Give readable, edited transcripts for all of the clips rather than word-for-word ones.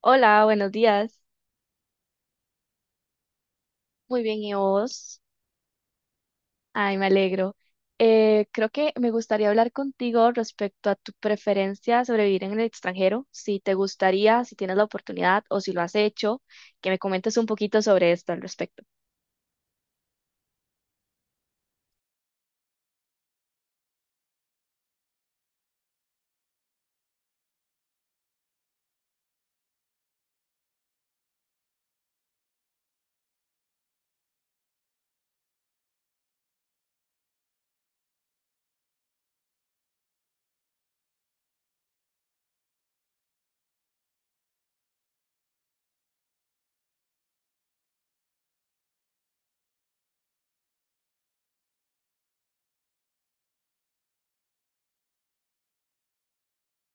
Hola, buenos días. Muy bien, ¿y vos? Ay, me alegro. Creo que me gustaría hablar contigo respecto a tu preferencia sobre vivir en el extranjero, si te gustaría, si tienes la oportunidad o si lo has hecho, que me comentes un poquito sobre esto al respecto.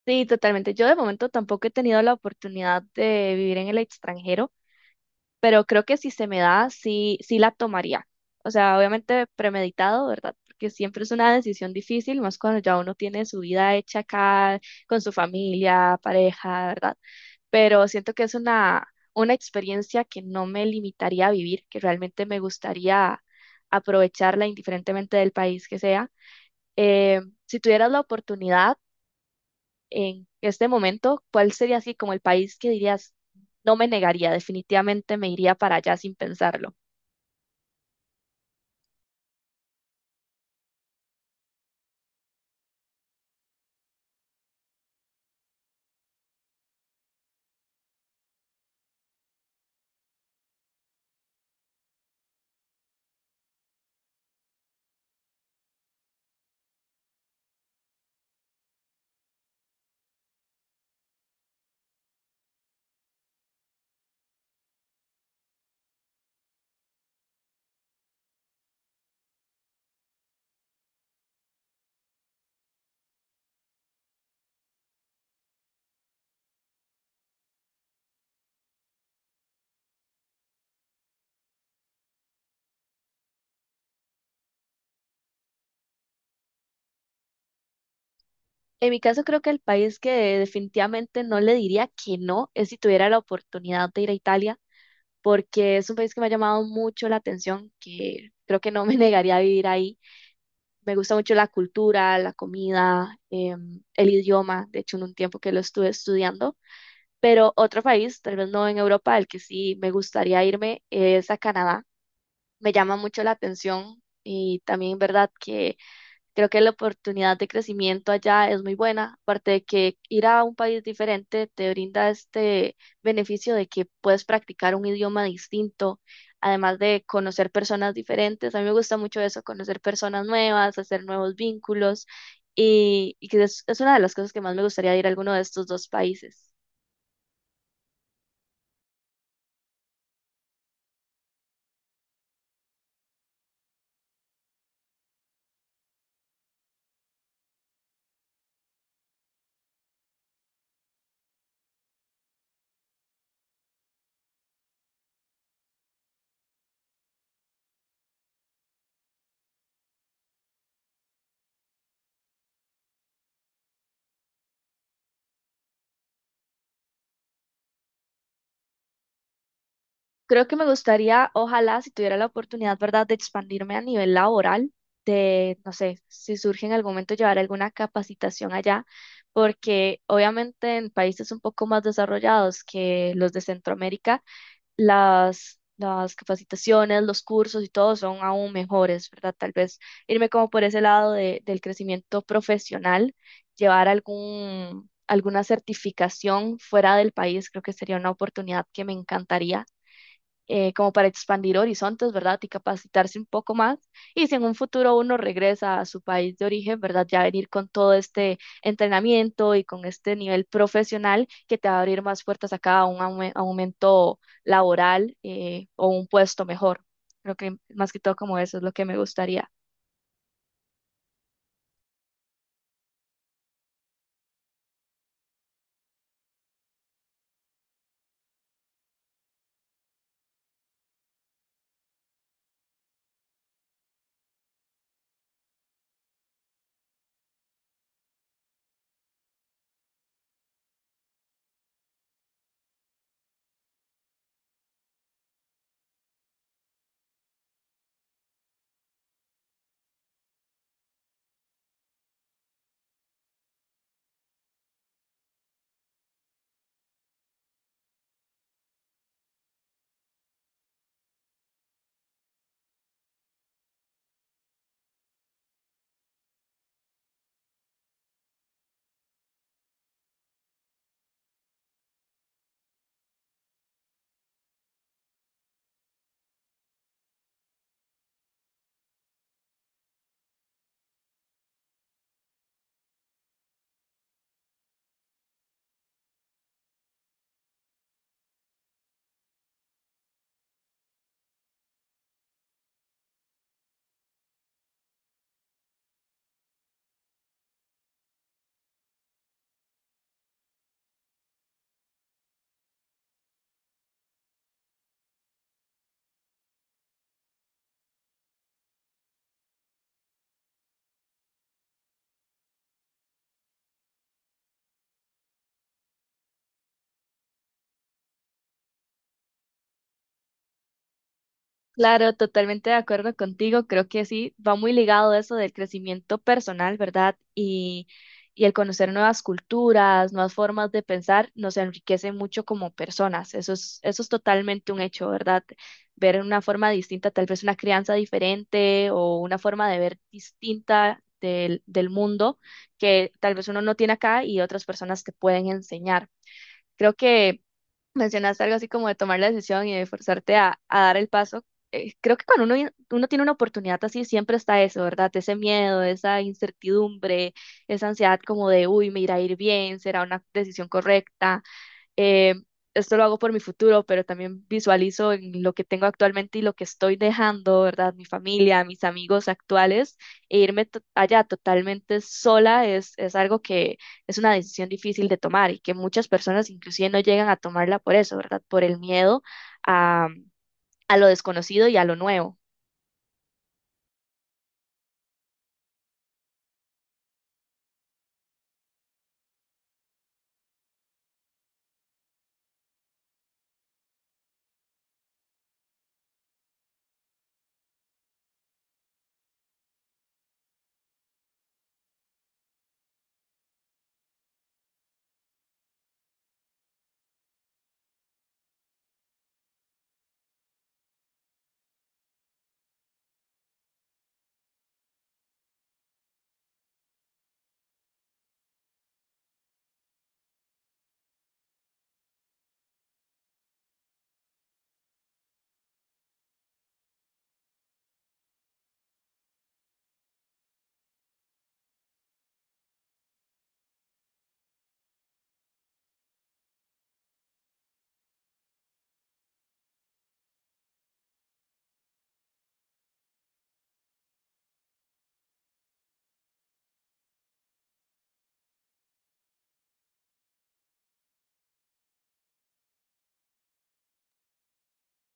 Sí, totalmente. Yo de momento tampoco he tenido la oportunidad de vivir en el extranjero, pero creo que si se me da, sí, sí la tomaría. O sea, obviamente premeditado, ¿verdad? Porque siempre es una decisión difícil, más cuando ya uno tiene su vida hecha acá, con su familia, pareja, ¿verdad? Pero siento que es una experiencia que no me limitaría a vivir, que realmente me gustaría aprovecharla indiferentemente del país que sea. Si tuvieras la oportunidad, en este momento, ¿cuál sería así como el país que dirías, no me negaría, definitivamente me iría para allá sin pensarlo? En mi caso, creo que el país que definitivamente no le diría que no es si tuviera la oportunidad de ir a Italia, porque es un país que me ha llamado mucho la atención, que creo que no me negaría a vivir ahí. Me gusta mucho la cultura, la comida, el idioma. De hecho, en un tiempo que lo estuve estudiando. Pero otro país, tal vez no en Europa, al que sí me gustaría irme es a Canadá. Me llama mucho la atención y también, ¿verdad?, que creo que la oportunidad de crecimiento allá es muy buena, aparte de que ir a un país diferente te brinda este beneficio de que puedes practicar un idioma distinto, además de conocer personas diferentes. A mí me gusta mucho eso, conocer personas nuevas, hacer nuevos vínculos y que es una de las cosas que más me gustaría de ir a alguno de estos dos países. Creo que me gustaría, ojalá, si tuviera la oportunidad, ¿verdad?, de expandirme a nivel laboral, de, no sé, si surge en algún momento llevar alguna capacitación allá, porque obviamente en países un poco más desarrollados que los de Centroamérica, las capacitaciones, los cursos y todo son aún mejores, ¿verdad? Tal vez irme como por ese lado del crecimiento profesional, llevar algún alguna certificación fuera del país, creo que sería una oportunidad que me encantaría como para expandir horizontes, ¿verdad? Y capacitarse un poco más. Y si en un futuro uno regresa a su país de origen, ¿verdad? Ya venir con todo este entrenamiento y con este nivel profesional que te va a abrir más puertas acá a un aumento laboral o un puesto mejor. Creo que más que todo como eso es lo que me gustaría. Claro, totalmente de acuerdo contigo. Creo que sí, va muy ligado eso del crecimiento personal, ¿verdad? Y el conocer nuevas culturas, nuevas formas de pensar, nos enriquece mucho como personas. Eso es totalmente un hecho, ¿verdad? Ver una forma distinta, tal vez una crianza diferente o una forma de ver distinta del mundo que tal vez uno no tiene acá y otras personas te pueden enseñar. Creo que mencionaste algo así como de tomar la decisión y de forzarte a dar el paso. Creo que cuando uno tiene una oportunidad así, siempre está eso, ¿verdad? Ese miedo, esa incertidumbre, esa ansiedad como de, uy, me irá a ir bien, será una decisión correcta, eh, esto lo hago por mi futuro, pero también visualizo en lo que tengo actualmente y lo que estoy dejando, ¿verdad? Mi familia, mis amigos actuales, e irme allá totalmente sola es algo que es una decisión difícil de tomar y que muchas personas inclusive no llegan a tomarla por eso, ¿verdad? Por el miedo a, a lo desconocido y a lo nuevo.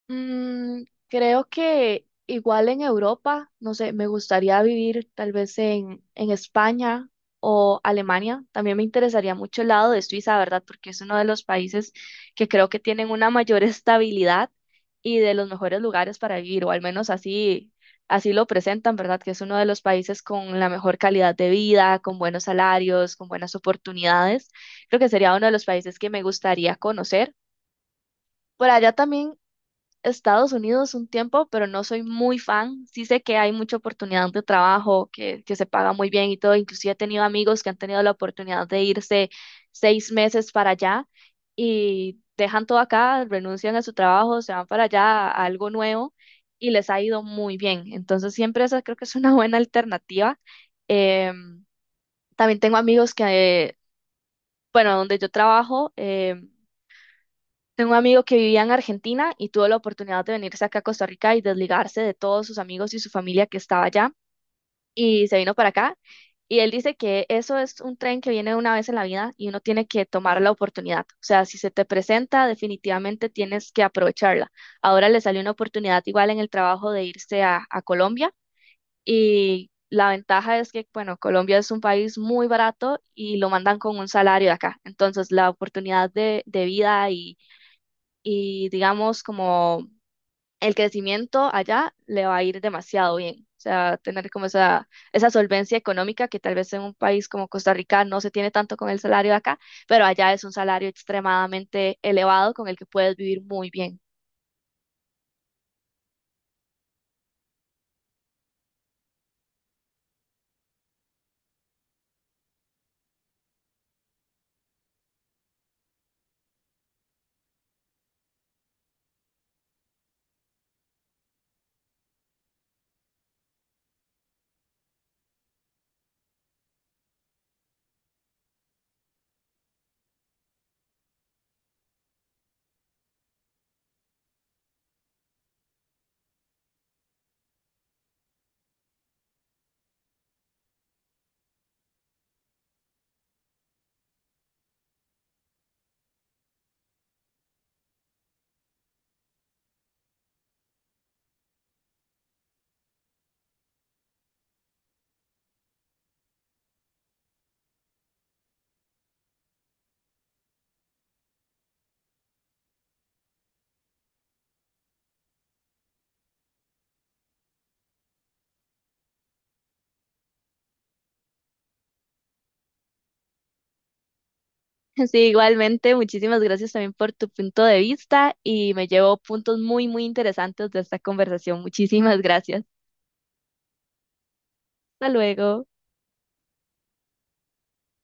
Creo que igual en Europa, no sé, me gustaría vivir tal vez en España o Alemania. También me interesaría mucho el lado de Suiza, ¿verdad? Porque es uno de los países que creo que tienen una mayor estabilidad y de los mejores lugares para vivir, o al menos así, así lo presentan, ¿verdad? Que es uno de los países con la mejor calidad de vida, con buenos salarios, con buenas oportunidades. Creo que sería uno de los países que me gustaría conocer. Por allá también Estados Unidos un tiempo, pero no soy muy fan. Sí sé que hay mucha oportunidad de trabajo, que se paga muy bien y todo. Inclusive he tenido amigos que han tenido la oportunidad de irse 6 meses para allá y dejan todo acá, renuncian a su trabajo, se van para allá a algo nuevo y les ha ido muy bien. Entonces siempre esa creo que es una buena alternativa. Em, también tengo amigos que, bueno, donde yo trabajo. Tengo un amigo que vivía en Argentina y tuvo la oportunidad de venirse acá a Costa Rica y desligarse de todos sus amigos y su familia que estaba allá y se vino para acá. Y él dice que eso es un tren que viene una vez en la vida y uno tiene que tomar la oportunidad. O sea, si se te presenta, definitivamente tienes que aprovecharla. Ahora le salió una oportunidad igual en el trabajo de irse a Colombia y la ventaja es que, bueno, Colombia es un país muy barato y lo mandan con un salario de acá. Entonces, la oportunidad de vida y digamos como el crecimiento allá le va a ir demasiado bien. O sea, tener como esa solvencia económica que tal vez en un país como Costa Rica no se tiene tanto con el salario de acá, pero allá es un salario extremadamente elevado con el que puedes vivir muy bien. Sí, igualmente, muchísimas gracias también por tu punto de vista y me llevo puntos muy, muy interesantes de esta conversación. Muchísimas gracias. Hasta luego.